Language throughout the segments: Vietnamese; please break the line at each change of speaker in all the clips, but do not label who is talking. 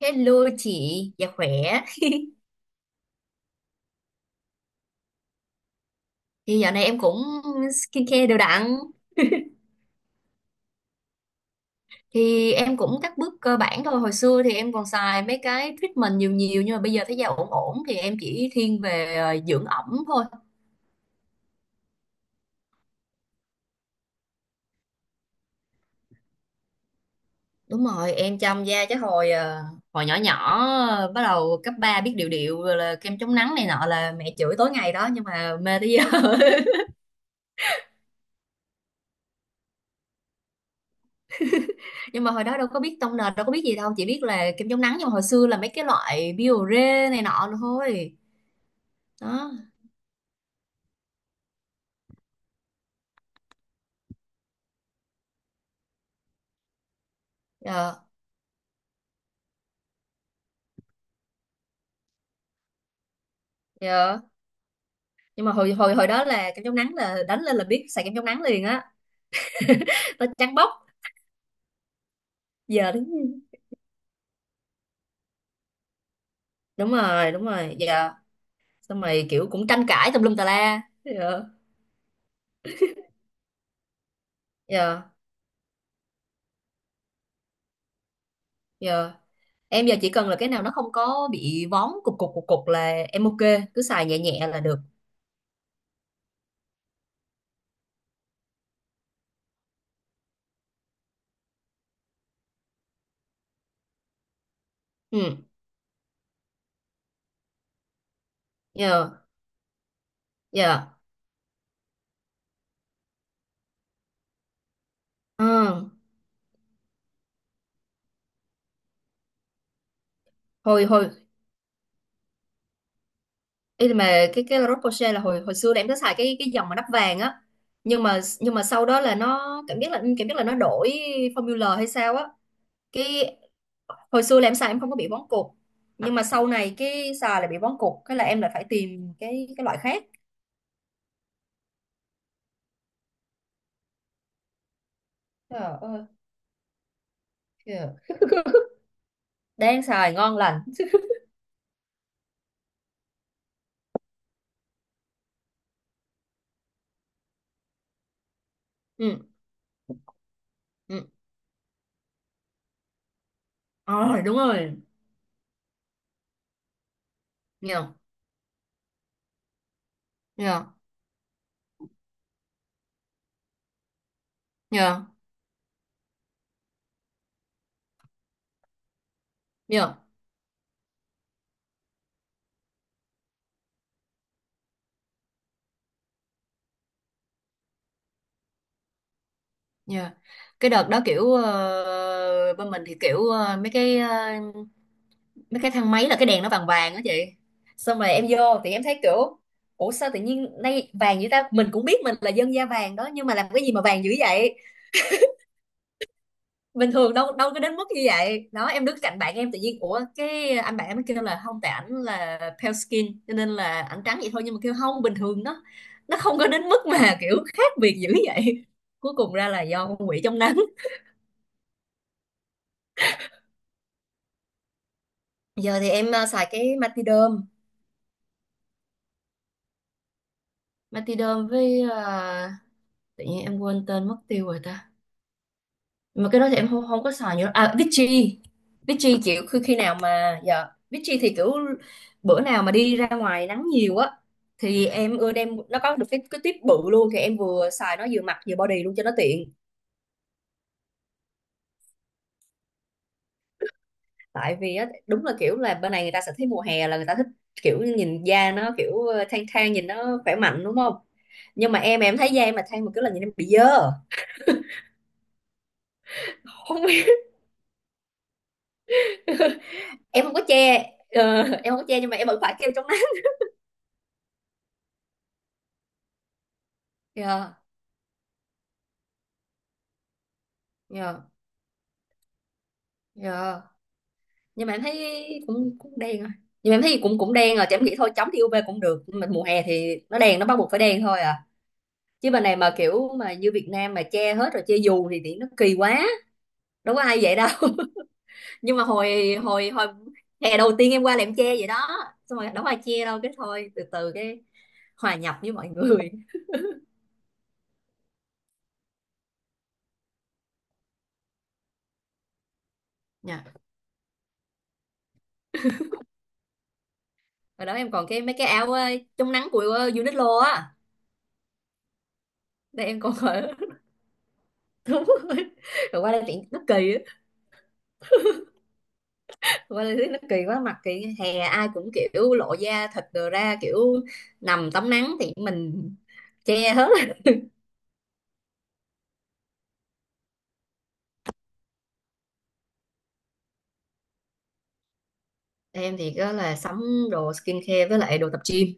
Hello chị, dạ khỏe. Thì dạo này em cũng skincare đều đặn. Thì em cũng các bước cơ bản thôi. Hồi xưa thì em còn xài mấy cái treatment nhiều nhiều nhưng mà bây giờ thấy da ổn ổn thì em chỉ thiên về dưỡng ẩm thôi. Đúng rồi, em chăm da chứ hồi nhỏ nhỏ ờ, bắt đầu cấp 3 biết điều điệu rồi là kem chống nắng này nọ là mẹ chửi tối ngày đó nhưng mà mê tới giờ. Nhưng mà hồi đó đâu có biết tông nền, đâu có biết gì đâu, chỉ biết là kem chống nắng nhưng mà hồi xưa là mấy cái loại Biore này nọ thôi. Đó. Ờ. Dạ. Nhưng mà hồi hồi hồi đó là kem chống nắng là đánh lên là biết xài kem chống nắng liền á. Nó trắng bóc. Giờ đúng đúng rồi, đúng rồi. Giờ xong rồi kiểu cũng tranh cãi tùm lum tà la. Dạ. Dạ. Dạ. Em giờ chỉ cần là cái nào nó không có bị vón cục cục cục cục là em ok, cứ xài nhẹ nhẹ là được. Ừ. Dạ. Dạ. Ừ. Hồi hồi ý là mà cái La Roche-Posay là hồi hồi xưa là em có xài cái dòng mà nắp vàng á. Nhưng mà sau đó là nó cảm giác là nó đổi formula hay sao á cái hồi xưa là em xài em không có bị vón cục nhưng mà sau này cái xài lại bị vón cục cái là em lại phải tìm cái loại khác. Trời ơi kìa. Đang xài ngon lành. Ừ. Ừ. Ờ, đúng rồi. Nhờ nhờ nhờ nhờ nhờ cái đợt đó kiểu bên mình thì kiểu mấy cái mấy cái thang máy là cái đèn nó vàng vàng đó chị. Xong rồi em vô thì em thấy kiểu ủa sao tự nhiên nay vàng vậy ta, mình cũng biết mình là dân da vàng đó nhưng mà làm cái gì mà vàng dữ vậy. Bình thường đâu đâu có đến mức như vậy đó, em đứng cạnh bạn em tự nhiên ủa, cái anh bạn em mới kêu là không, tại ảnh là pale skin cho nên là ảnh trắng vậy thôi nhưng mà kêu không bình thường nó không có đến mức mà kiểu khác biệt dữ vậy. Cuối cùng ra là do con quỷ trong nắng. Giờ thì em xài cái Matiderm. Matiderm với tự nhiên em quên tên mất tiêu rồi ta, mà cái đó thì em không không có xài nhiều, à Vichy. Vichy kiểu khi khi nào mà dạ Vichy thì kiểu bữa nào mà đi ra ngoài nắng nhiều á thì em ưa đem nó, có được cái tiếp bự luôn thì em vừa xài nó vừa mặt vừa body luôn cho nó tiện. Tại vì á đúng là kiểu là bên này người ta sẽ thấy mùa hè là người ta thích kiểu nhìn da nó kiểu thang thang nhìn nó khỏe mạnh đúng không. Nhưng mà em thấy da em mà thang một cái là nhìn em bị dơ. Không biết, em không có che. Ờ, em không có che nhưng mà em vẫn phải kêu chống nắng. Dạ. Dạ. Dạ. Nhưng mà em thấy cũng cũng đen rồi. Nhưng mà em thấy cũng cũng đen rồi thì em nghĩ thôi chống thì UV cũng được nhưng mà mùa hè thì nó đen, nó bắt buộc phải đen thôi à. Chứ bên này mà kiểu mà như Việt Nam mà che hết rồi che dù thì nó kỳ quá, đâu có ai vậy đâu. Nhưng mà hồi hồi hồi hè đầu tiên em qua là em che vậy đó, xong rồi đâu có ai che đâu cái thôi từ từ cái hòa nhập với mọi người. Nha, hồi đó em còn cái mấy cái áo chống nắng của Uniqlo á. Đây em còn ở. Đúng rồi, rồi qua đây tiện nó kỳ á. Qua đây thấy nó kỳ quá, mặt kỳ hè ai cũng kiểu lộ da thịt đồ ra, kiểu nằm tắm nắng thì mình che hết. Em thì có là sắm đồ skincare với lại đồ tập gym.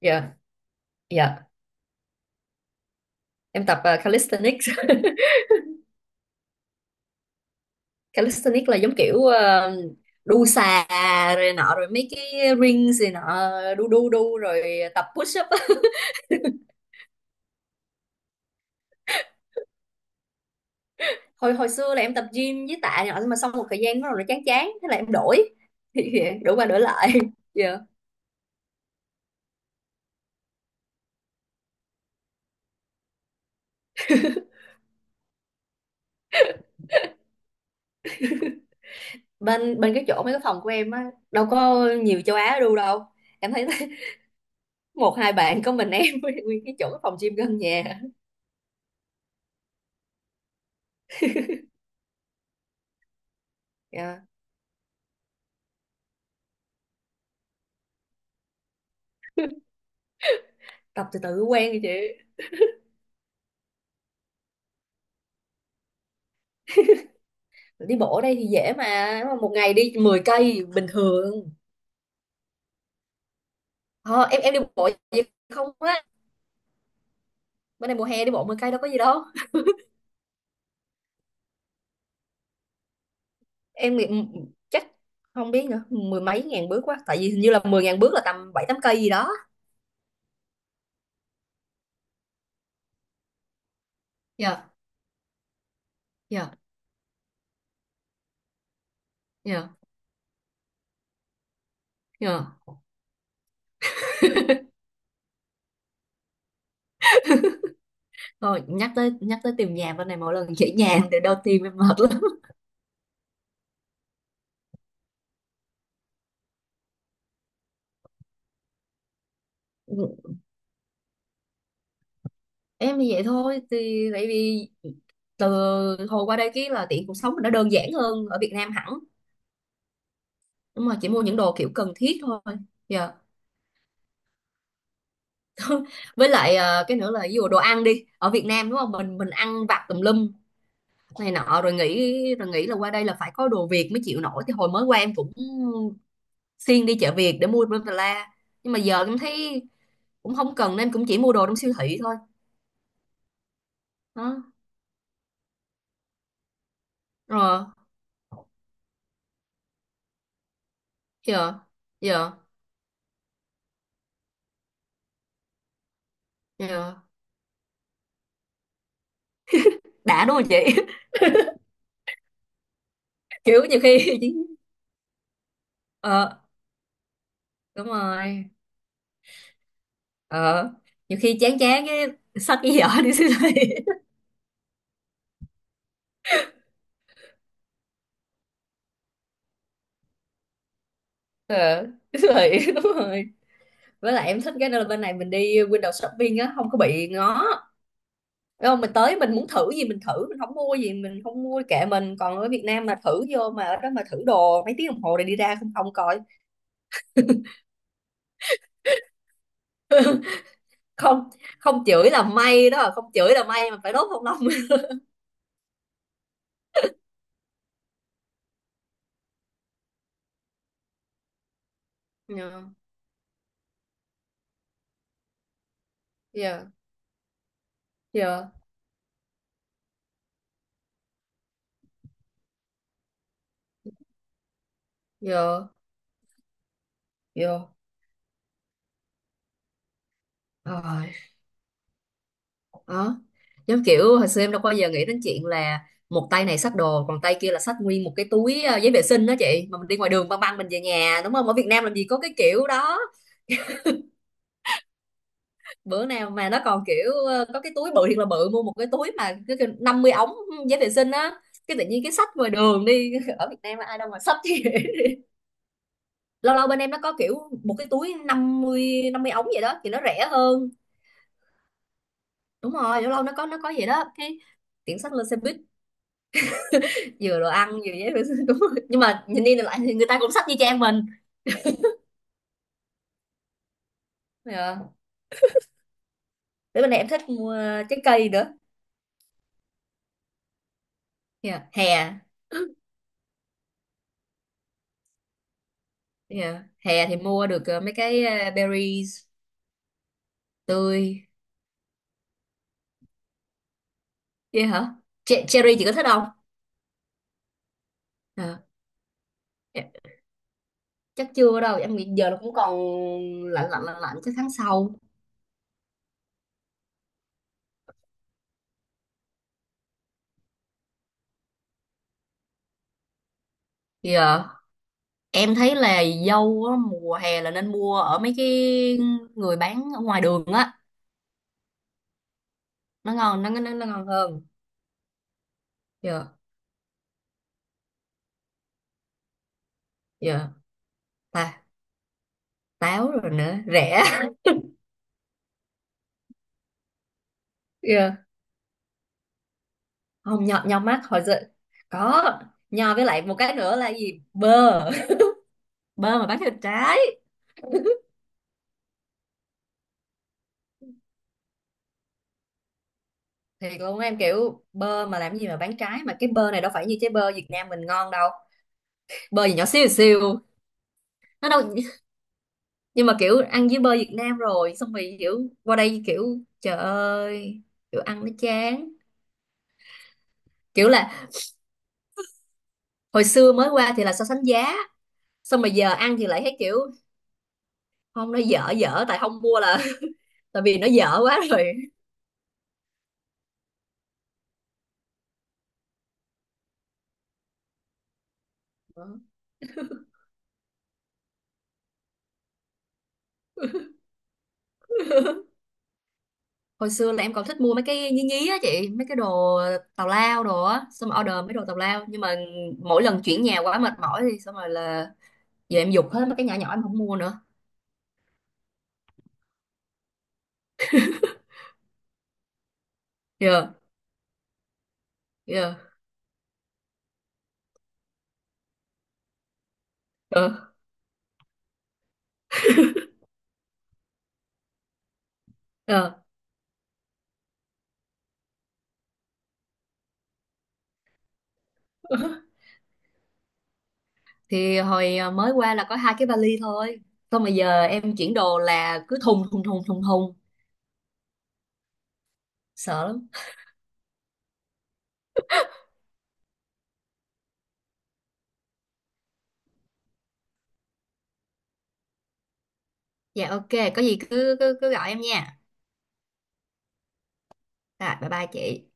Dạ. Dạ. Em tập calisthenics. Calisthenics là giống kiểu đu xà rồi nọ rồi mấy cái rings rồi nọ, đu đu đu rồi tập push up á. hồi hồi xưa là em tập gym với tạ nhỏ nhưng mà xong một thời gian nó rồi nó chán chán thế là em đổi, thì đổi qua đổi lại. Dạ. Bên bên cái chỗ mấy cái phòng của em á đâu có nhiều châu Á đu đâu, em thấy một hai bạn có mình em với nguyên cái chỗ cái phòng gym gần nhà. Dạ. Tập từ từ quen rồi chị. Đi bộ ở đây thì dễ mà, nếu mà một ngày đi 10 cây bình thường. Ờ, em đi bộ vậy không á, bên này mùa hè đi bộ 10 cây đâu có gì đâu. em nghĩ- Chắc không biết nữa, mười mấy ngàn bước quá, tại vì hình như là 10 ngàn bước là tầm bảy tám cây gì đó. Dạ. Dạ. Dạ. Dạ. Thôi nhắc tới tìm nhà bên này mỗi lần chỉ nhà thì đau tim em mệt lắm. Em thì vậy thôi, thì tại vì từ hồi qua đây cái là tiện cuộc sống mình nó đơn giản hơn ở Việt Nam hẳn, nhưng mà chỉ mua những đồ kiểu cần thiết thôi. Dạ. Với lại cái nữa là ví dụ đồ ăn đi, ở Việt Nam đúng không, mình ăn vặt tùm lum này nọ rồi nghĩ là qua đây là phải có đồ Việt mới chịu nổi, thì hồi mới qua em cũng xuyên đi chợ Việt để mua bla bla bla. Nhưng mà giờ em thấy cũng không cần nên cũng chỉ mua đồ trong siêu thị thôi. Đó rồi. Giờ giờ giờ đã đúng không chị. Kiểu nhiều khi chỉ- ờ đúng rồi. Ờ nhiều khi chán chán cái xách cái giỏ đi siêu thị. Ờ siêu thị. Đúng rồi, với lại em thích cái đó là bên này mình đi window shopping á không có bị ngó. Đúng không, mình tới mình muốn thử gì mình thử, mình không mua gì mình không mua kệ mình, còn ở Việt Nam mà thử vô mà ở đó mà thử đồ mấy tiếng đồng hồ rồi đi ra không không coi, không không chửi là may đó, không chửi là may mà phải đốt không lông. Yeah. Yeah. Yeah. Yeah. Đó, giống kiểu hồi xưa em đâu bao giờ nghĩ đến chuyện là một tay này xách đồ còn tay kia là xách nguyên một cái túi giấy vệ sinh đó chị, mà mình đi ngoài đường băng băng mình về nhà đúng không, ở Việt Nam làm gì có cái kiểu đó. Bữa nào mà nó còn kiểu có cái túi bự thiệt là bự, mua một cái túi mà cứ kiểu 50 ống giấy vệ sinh á, cái tự nhiên cái xách ngoài đường đi. Ở Việt Nam ai đâu mà xách chứ. Lâu lâu bên em nó có kiểu một cái túi năm mươi ống vậy đó thì nó rẻ hơn. Đúng rồi, lâu lâu nó có vậy đó, cái tiện xách lên xe buýt, vừa đồ ăn vừa giấy vệ sinh. Đúng rồi. Nhưng mà nhìn đi nhìn lại thì người ta cũng sách như trang mình. Yeah, tới bên này em thích mua trái cây nữa. Yeah, hè. Yeah, hè thì mua được mấy cái berries tươi. Vậy hả? Che- cherry chị có thích không? Ờ. Dạ. Chắc chưa đâu em nghĩ, giờ nó cũng còn lạnh lạnh lạnh lạnh, chắc tháng sau. Yeah, em thấy là dâu á, mùa hè là nên mua ở mấy cái người bán ở ngoài đường á, nó ngon nó nó ngon hơn. Dạ. Yeah. Ta, táo rồi nữa rẻ. Không, nho nho mắc hồi xưa. Có, nho với lại một cái nữa là gì, bơ. Bơ mà bán thịt trái. Thiệt luôn, em kiểu bơ mà làm gì mà bán trái, mà cái bơ này đâu phải như trái bơ Việt Nam mình ngon đâu. Bơ gì nhỏ xíu xíu, nó đâu. Nhưng mà kiểu ăn với bơ Việt Nam rồi xong rồi kiểu qua đây kiểu trời ơi, kiểu ăn nó chán. Kiểu là hồi xưa mới qua thì là so sánh giá, xong mà giờ ăn thì lại thấy kiểu không nó dở dở, tại không mua là tại vì nó dở quá rồi. Hồi xưa là em còn thích mua mấy cái nhí nhí á chị, mấy cái đồ tào lao đồ á, xong rồi order mấy đồ tào lao, nhưng mà mỗi lần chuyển nhà quá mệt mỏi thì xong rồi là giờ em giục hết mấy cái nhỏ nhỏ em không mua nữa. Yeah. Yeah. Ờ. Ờ. Thì mới qua là có hai cái vali thôi, xong rồi giờ em chuyển đồ là cứ thùng thùng thùng thùng thùng, sợ lắm. Dạ ok, có gì cứ cứ, cứ gọi em nha. Rồi bye bye chị.